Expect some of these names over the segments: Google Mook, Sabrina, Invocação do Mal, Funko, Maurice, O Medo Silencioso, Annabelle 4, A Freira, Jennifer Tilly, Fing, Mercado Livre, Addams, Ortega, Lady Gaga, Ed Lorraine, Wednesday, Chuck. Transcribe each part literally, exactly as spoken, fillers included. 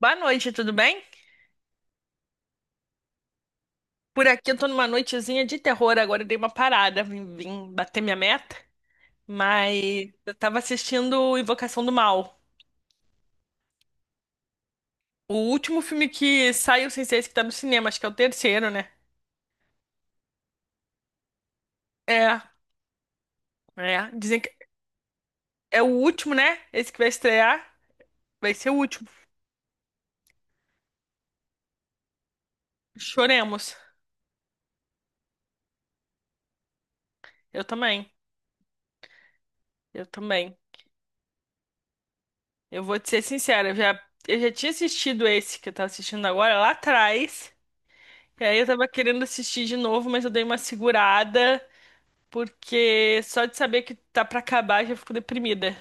Boa noite, tudo bem? Por aqui eu tô numa noitezinha de terror, agora eu dei uma parada, vim, vim bater minha meta, mas eu tava assistindo Invocação do Mal. O último filme que saiu sem ser esse que tá no cinema, acho que é o terceiro, né? É, é, dizem que é o último, né? Esse que vai estrear, vai ser o último. Choremos. Eu também, eu também. Eu vou te ser sincera, eu já, eu já tinha assistido esse que eu tava assistindo agora lá atrás, e aí eu tava querendo assistir de novo, mas eu dei uma segurada. Porque só de saber que tá pra acabar já fico deprimida.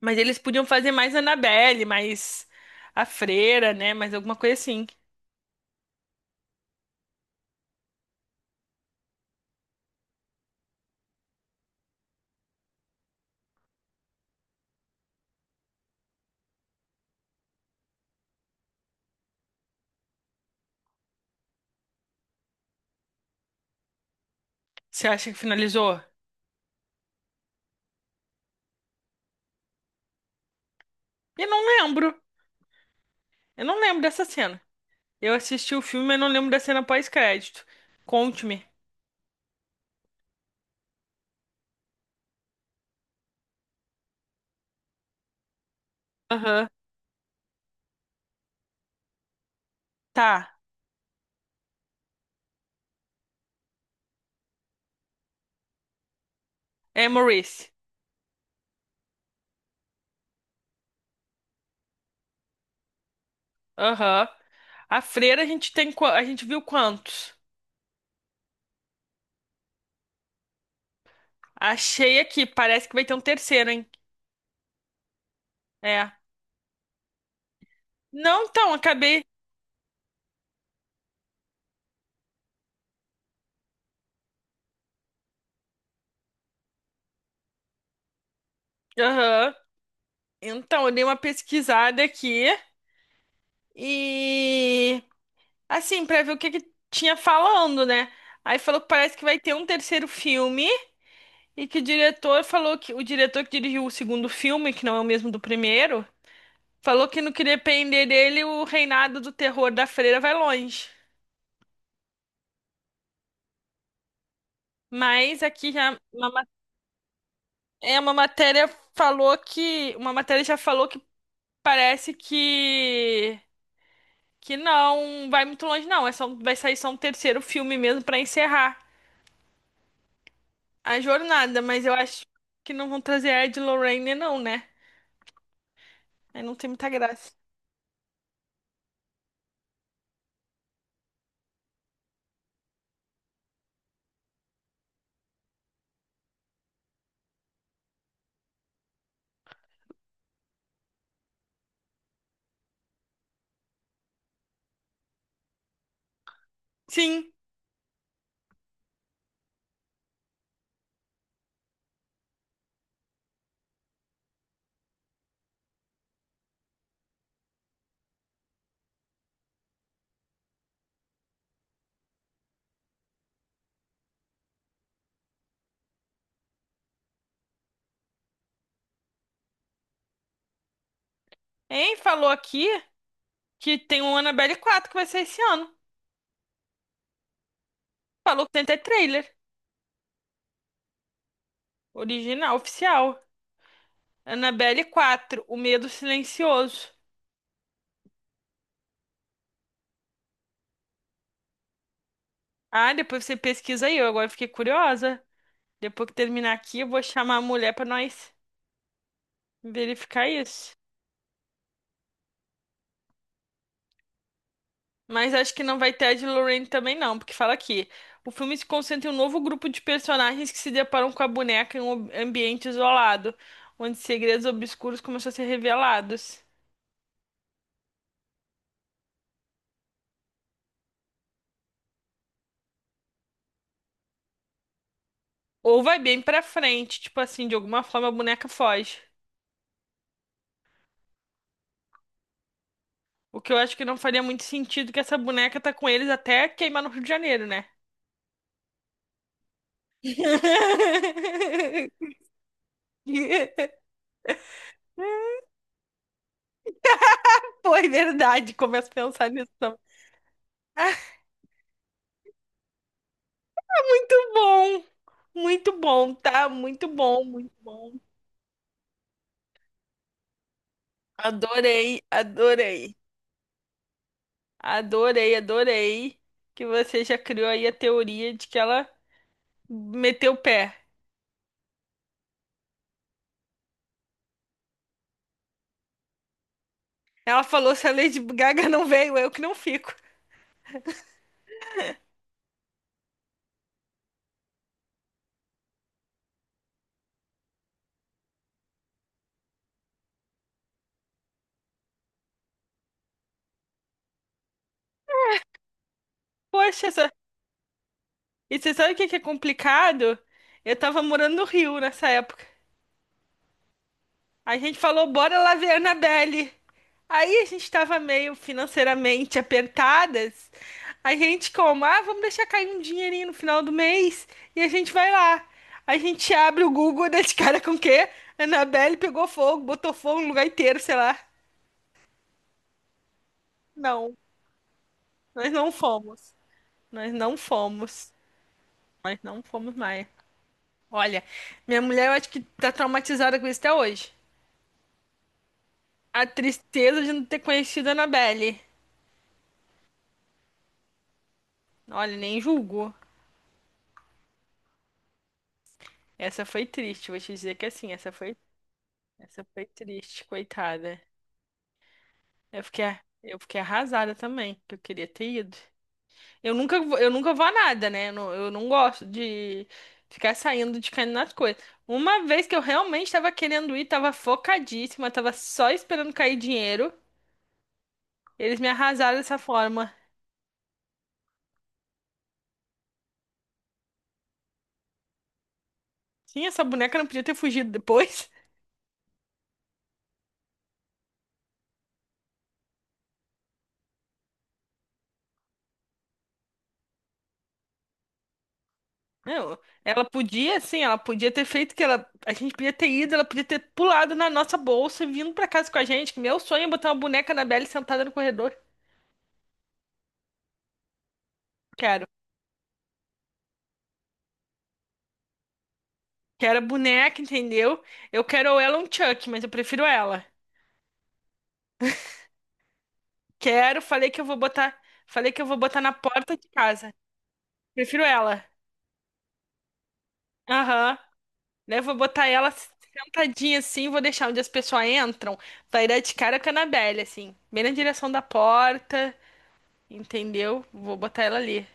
Mas eles podiam fazer mais Annabelle, mais a Freira, né? Mais alguma coisa assim. Você acha que finalizou? Eu não lembro. Eu não lembro dessa cena. Eu assisti o filme, mas não lembro da cena pós-crédito. Conte-me. Aham. Tá. É Maurice. Aham. A Freira a gente tem qua- a gente viu quantos? Achei aqui, parece que vai ter um terceiro, hein? É. Não, então, acabei. Aham. Então, eu dei uma pesquisada aqui e assim, pra ver o que que tinha falando, né? Aí falou que parece que vai ter um terceiro filme e que o diretor falou que o diretor que dirigiu o segundo filme, que não é o mesmo do primeiro, falou que no que depender dele, o reinado do terror da freira vai longe. Mas aqui já uma, ma- é uma matéria falou que uma matéria já falou que parece que que não vai muito longe, não. É só, vai sair só um terceiro filme mesmo pra encerrar a jornada, mas eu acho que não vão trazer a Ed Lorraine, não, né? Aí não tem muita graça. Sim, hein? Falou aqui que tem um Annabelle quatro que vai sair esse ano. Falou que tem até trailer. Original, oficial. Annabelle quatro, O Medo Silencioso. Ah, depois você pesquisa aí. Eu agora fiquei curiosa. Depois que terminar aqui, eu vou chamar a mulher pra nós verificar isso. Mas acho que não vai ter a de Lorraine também não, porque fala aqui. O filme se concentra em um novo grupo de personagens que se deparam com a boneca em um ob- ambiente isolado, onde segredos obscuros começam a ser revelados. Ou vai bem pra frente, tipo assim, de alguma forma a boneca foge. O que eu acho que não faria muito sentido que essa boneca tá com eles até queimar no Rio de Janeiro, né? Foi verdade, começo a pensar nisso também. Bom, muito bom, tá? Muito bom, muito bom. Adorei, adorei, adorei, adorei que você já criou aí a teoria de que ela meteu o pé. Ela falou, se a Lady Gaga não veio, eu que não fico. Poxa, essa- e você sabe o que que é complicado? Eu tava morando no Rio nessa época. A gente falou, bora lá ver Annabelle. Aí a gente tava meio financeiramente apertadas. A gente como, ah, vamos deixar cair um dinheirinho no final do mês e a gente vai lá. A gente abre o Google e dá de cara com o quê? Annabelle pegou fogo, botou fogo no lugar inteiro, sei lá. Não, nós não fomos. Nós não fomos. Nós não fomos mais. Olha, minha mulher eu acho que tá traumatizada com isso até hoje. A tristeza de não ter conhecido a Annabelle. Olha, nem julgo. Essa foi triste, vou te dizer que assim, essa foi, essa foi triste, coitada. Eu fiquei, a- eu fiquei arrasada também, que eu queria ter ido. Eu nunca, vou- eu nunca vou a nada, né? Eu não, eu não gosto de ficar saindo de caindo nas coisas. Uma vez que eu realmente estava querendo ir, tava focadíssima, tava só esperando cair dinheiro, eles me arrasaram dessa forma. Sim, essa boneca não podia ter fugido depois. Não, ela podia, assim, ela podia ter feito que ela, a gente podia ter ido, ela podia ter pulado na nossa bolsa e vindo pra casa com a gente. Que Meu sonho é botar uma boneca da Belle sentada no corredor. Quero. Quero a boneca, entendeu? Eu quero ou ela ou um Chuck, mas eu prefiro ela. Quero, falei que eu vou botar, falei que eu vou botar na porta de casa. Prefiro ela. Aham. Né, eu vou botar ela sentadinha assim, vou deixar onde as pessoas entram. Vai dar de cara com a Annabelle, assim, bem na direção da porta, entendeu? Vou botar ela ali.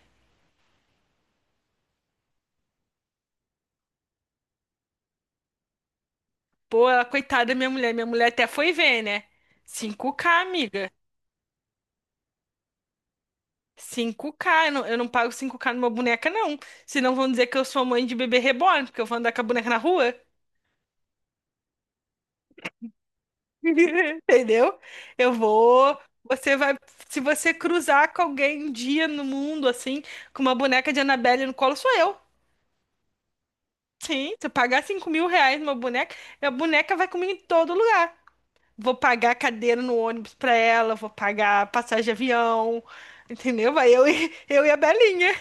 Pô, ela, coitada da minha mulher. Minha mulher até foi ver, né? Cinco k amiga. Cinco k Eu não, eu não pago cinco k numa boneca, não. Senão vão dizer que eu sou mãe de bebê reborn, porque eu vou andar com a boneca na rua. Entendeu? Eu vou. Você vai. Se você cruzar com alguém um dia no mundo, assim, com uma boneca de Annabelle no colo, sou eu. Sim, se eu pagar cinco mil reais numa boneca, a boneca vai comigo em todo lugar. Vou pagar cadeira no ônibus pra ela, vou pagar passagem de avião, entendeu? Vai eu e, eu e a Belinha.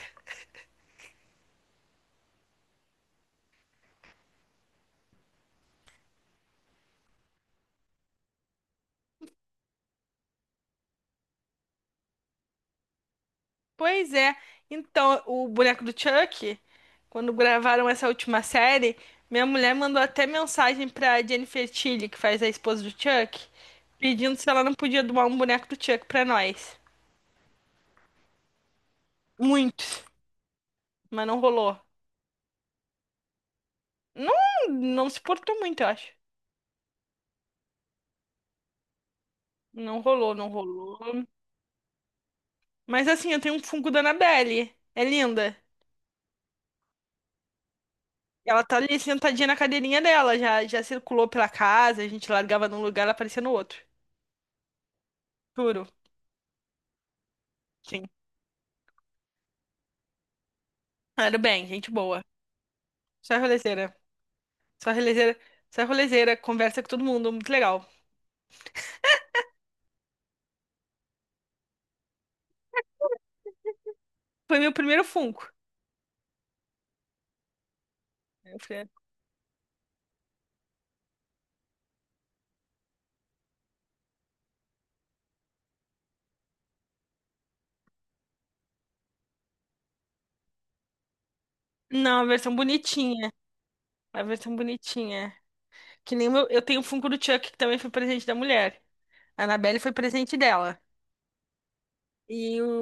Pois é. Então, o boneco do Chuck, quando gravaram essa última série, minha mulher mandou até mensagem pra Jennifer Tilly, que faz a esposa do Chuck, pedindo se ela não podia doar um boneco do Chuck pra nós. Muitos, mas não rolou. Não, não se portou muito, eu acho. Não rolou, não rolou. Mas assim, eu tenho um Funko da Annabelle. É linda. Ela tá ali sentadinha na cadeirinha dela, já, já circulou pela casa, a gente largava num lugar, ela aparecia no outro. Juro, sim. Ah, era bem, gente boa. Só rolezeira. Só rolezeira. Só rolezeira, conversa com todo mundo, muito legal. Foi meu primeiro Funko. Eu falei, não, a versão bonitinha. A versão bonitinha. Que nem o meu, eu tenho o Funko do Chuck, que também foi presente da mulher. A Annabelle foi presente dela. E o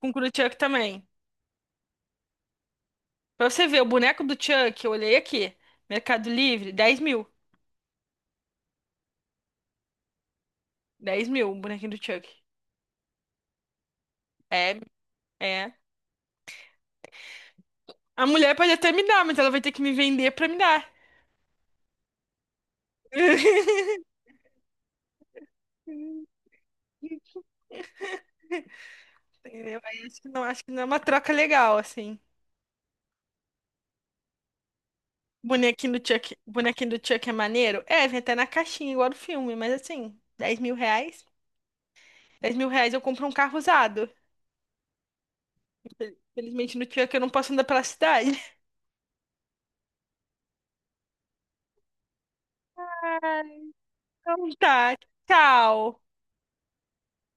Funko do Chuck também. Pra você ver, o boneco do Chuck, eu olhei aqui. Mercado Livre, dez mil. Dez mil, um bonequinho do Chuck. É, é. A mulher pode até me dar, mas ela vai ter que me vender pra me dar. Entendeu? Aí acho que não, acho que não é uma troca legal, assim. Bonequinho do Chuck, bonequinho do Chuck é maneiro? É, vem até na caixinha, igual do filme, mas assim, dez mil reais? Dez mil reais eu compro um carro usado. Felizmente no Chuck eu não posso andar pela cidade. Então tá, tchau.